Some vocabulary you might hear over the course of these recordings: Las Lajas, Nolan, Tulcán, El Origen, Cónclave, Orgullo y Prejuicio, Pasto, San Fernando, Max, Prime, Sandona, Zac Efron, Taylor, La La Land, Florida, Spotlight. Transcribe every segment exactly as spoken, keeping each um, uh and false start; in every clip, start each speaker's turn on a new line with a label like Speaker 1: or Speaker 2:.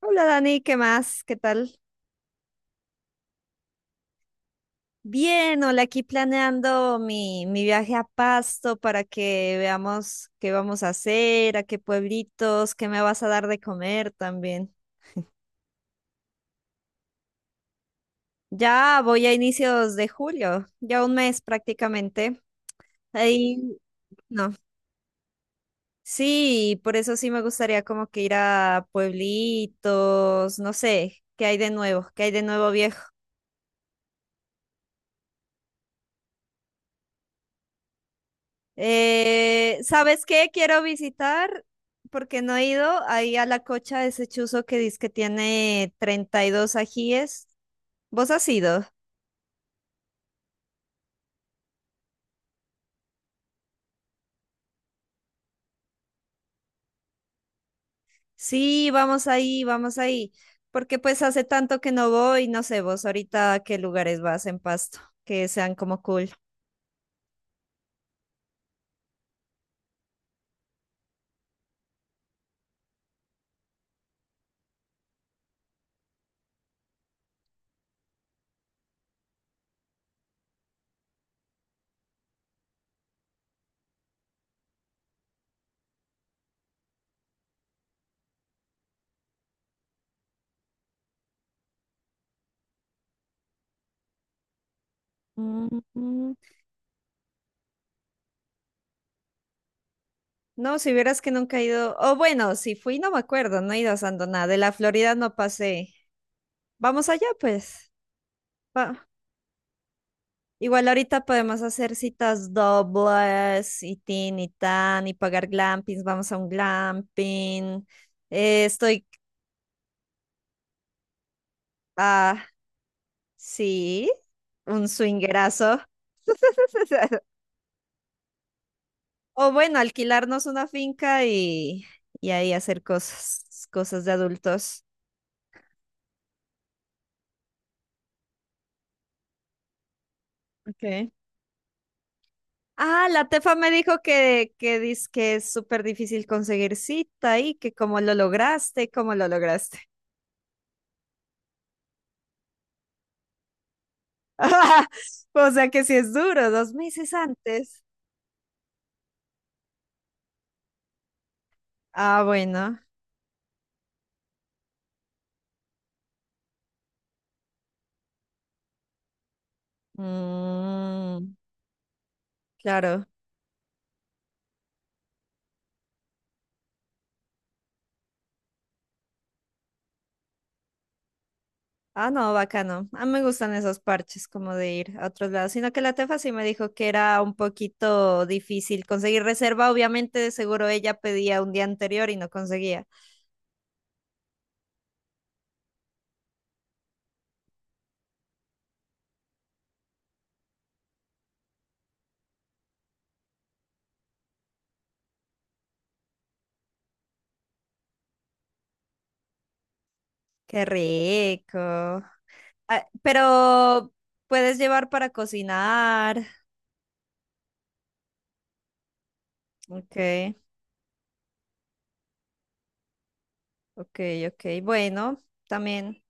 Speaker 1: Hola Dani, ¿qué más? ¿Qué tal? Bien, hola, aquí planeando mi, mi viaje a Pasto para que veamos qué vamos a hacer, a qué pueblitos, qué me vas a dar de comer también. Ya voy a inicios de julio, ya un mes prácticamente. Ahí, no. Sí, por eso sí me gustaría como que ir a pueblitos, no sé, qué hay de nuevo, qué hay de nuevo viejo. Eh, ¿sabes qué? Quiero visitar, porque no he ido, ahí a la cocha de ese chuzo que dice que tiene treinta y dos ajíes. ¿Vos has ido? Sí, vamos ahí, vamos ahí. Porque pues hace tanto que no voy, no sé, vos ahorita a qué lugares vas en Pasto, que sean como cool. Mm, mm. No, si vieras que nunca he ido, o bueno, si fui no me acuerdo, no he ido a Sandona, de la Florida no pasé. Vamos allá pues. Va- Igual ahorita podemos hacer citas dobles y tin y tan y pagar glampings. Vamos a un glamping. Eh, estoy, ah, sí, un swingerazo. O bueno, alquilarnos una finca y, y ahí hacer cosas, cosas de adultos. Ok. Ah, la Tefa me dijo que, que, dice que es súper difícil conseguir cita y que cómo lo lograste, cómo lo lograste. O sea que si es duro, dos meses antes. Ah, bueno. Mm, claro. Ah, no, bacano. A mí me gustan esos parches como de ir a otros lados. Sino que la tefa sí me dijo que era un poquito difícil conseguir reserva. Obviamente, de seguro ella pedía un día anterior y no conseguía. Qué rico. Ah, pero puedes llevar para cocinar. Ok, ok, ok. Bueno, también.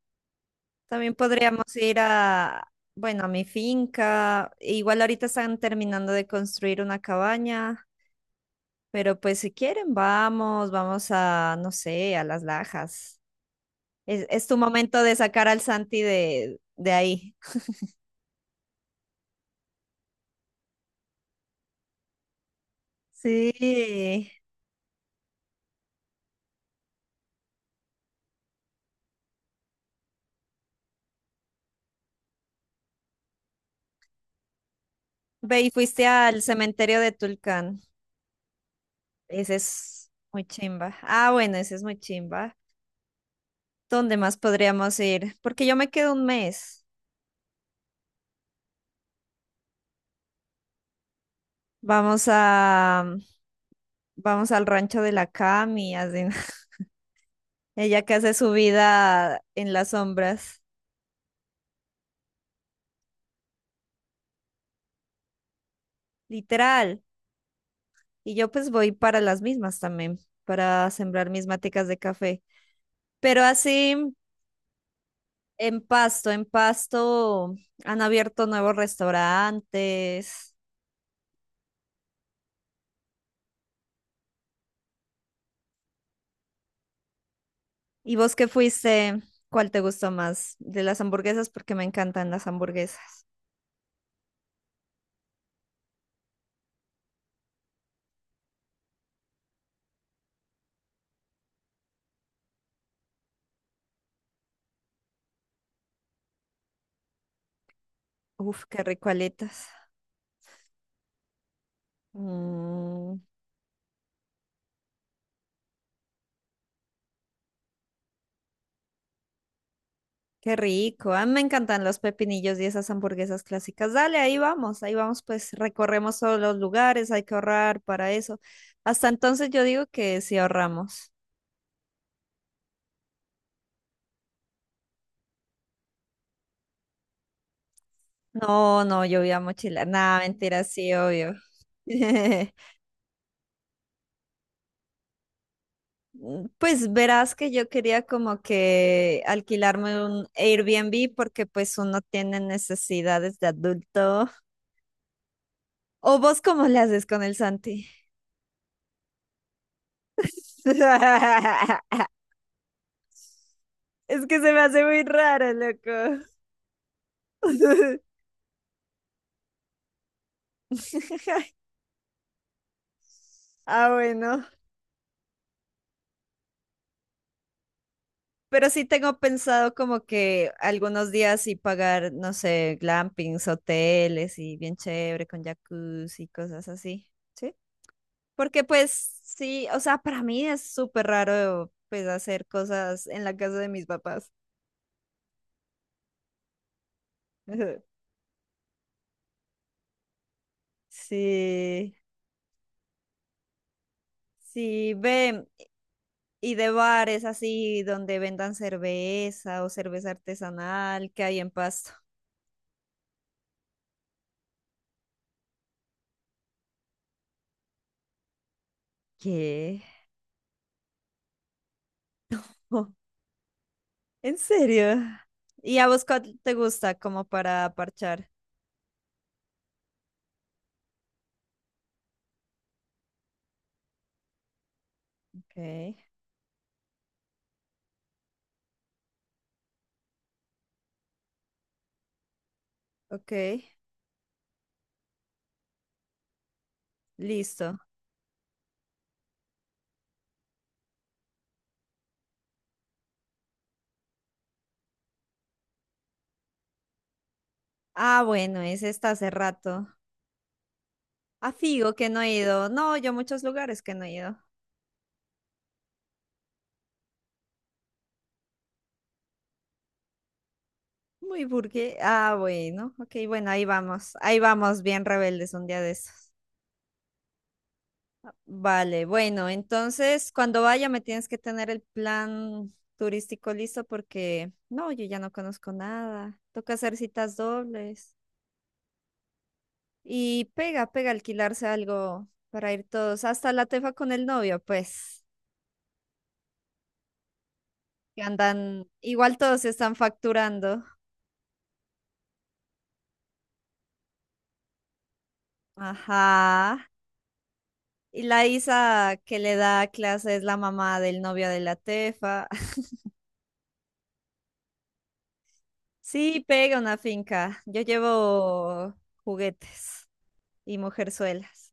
Speaker 1: También podríamos ir a, bueno, a mi finca. Igual ahorita están terminando de construir una cabaña, pero pues si quieren, vamos, vamos a, no sé, a Las Lajas. Es, es tu momento de sacar al Santi de, de ahí. Sí. Ve y fuiste al cementerio de Tulcán. Ese es muy chimba. Ah, bueno, ese es muy chimba. ¿Dónde más podríamos ir? Porque yo me quedo un mes. Vamos a, vamos al rancho de la Cami, así. Ella que hace su vida en las sombras, literal. Y yo pues voy para las mismas también, para sembrar mis maticas de café. Pero así, en Pasto, en Pasto han abierto nuevos restaurantes. ¿Y vos qué fuiste? ¿Cuál te gustó más? De las hamburguesas, porque me encantan las hamburguesas. Uf, qué rico aletas. Mm, qué rico. A mí me encantan los pepinillos y esas hamburguesas clásicas. Dale, ahí vamos, ahí vamos, pues recorremos todos los lugares, hay que ahorrar para eso. Hasta entonces yo digo que sí ahorramos. No, no, yo voy a mochilar. Nada, mentira, sí, obvio. Mm, pues verás que yo quería como que alquilarme un Airbnb porque pues uno tiene necesidades de adulto. ¿O vos cómo le haces con el Santi? Es que se me hace muy raro, loco. Ah, bueno. Pero sí tengo pensado como que algunos días sí pagar, no sé, glampings, hoteles y bien chévere con jacuzzi y cosas así. ¿Sí? Porque pues sí, o sea, para mí es súper raro pues hacer cosas en la casa de mis papás. Sí, sí, ve, y de bares así donde vendan cerveza o cerveza artesanal que hay en Pasto. ¿Qué? ¿En serio? ¿Y a vos cuál te gusta como para parchar? Ok, ok, listo. Ah, bueno, ese está hace rato. A Figo que no he ido. No, yo a muchos lugares que no he ido. Muy burgués. Ah, bueno, ok, bueno, ahí vamos. Ahí vamos, bien rebeldes un día de estos. Vale, bueno, entonces cuando vaya me tienes que tener el plan turístico listo porque no, yo ya no conozco nada. Toca hacer citas dobles. Y pega, pega alquilarse algo para ir todos, hasta la tefa con el novio, pues, que andan, igual todos están facturando. Ajá. Y la Isa que le da clase es la mamá del novio de la tefa. Sí, pega una finca. Yo llevo juguetes y mujerzuelas.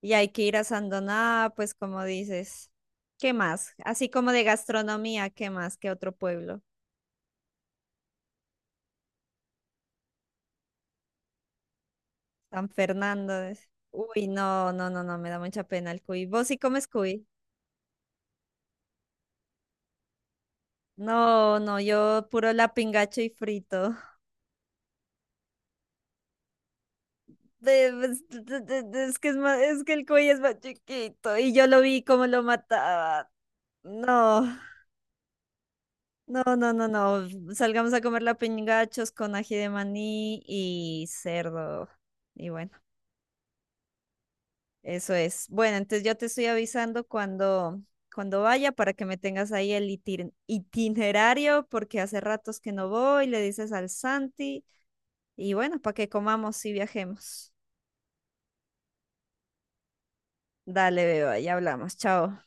Speaker 1: Y hay que ir a Sandoná, pues como dices. ¿Qué más? Así como de gastronomía, ¿qué más? ¿Qué otro pueblo? San Fernando. es- Uy, no, no, no, no, me da mucha pena el cuy. ¿Vos sí comes cuy? No, no, yo puro lapingacho y frito. De- pues, de- de- de- Es que es más, es que el cuy es más chiquito y yo lo vi cómo lo mataban. No, no, no, no, no. Salgamos a comer lapingachos con ají de maní y cerdo. Y bueno. Eso es. Bueno, entonces yo te estoy avisando cuando, cuando vaya para que me tengas ahí el itin- itinerario, porque hace ratos que no voy, le dices al Santi, y bueno, para que comamos y viajemos. Dale, beba, ya hablamos. Chao.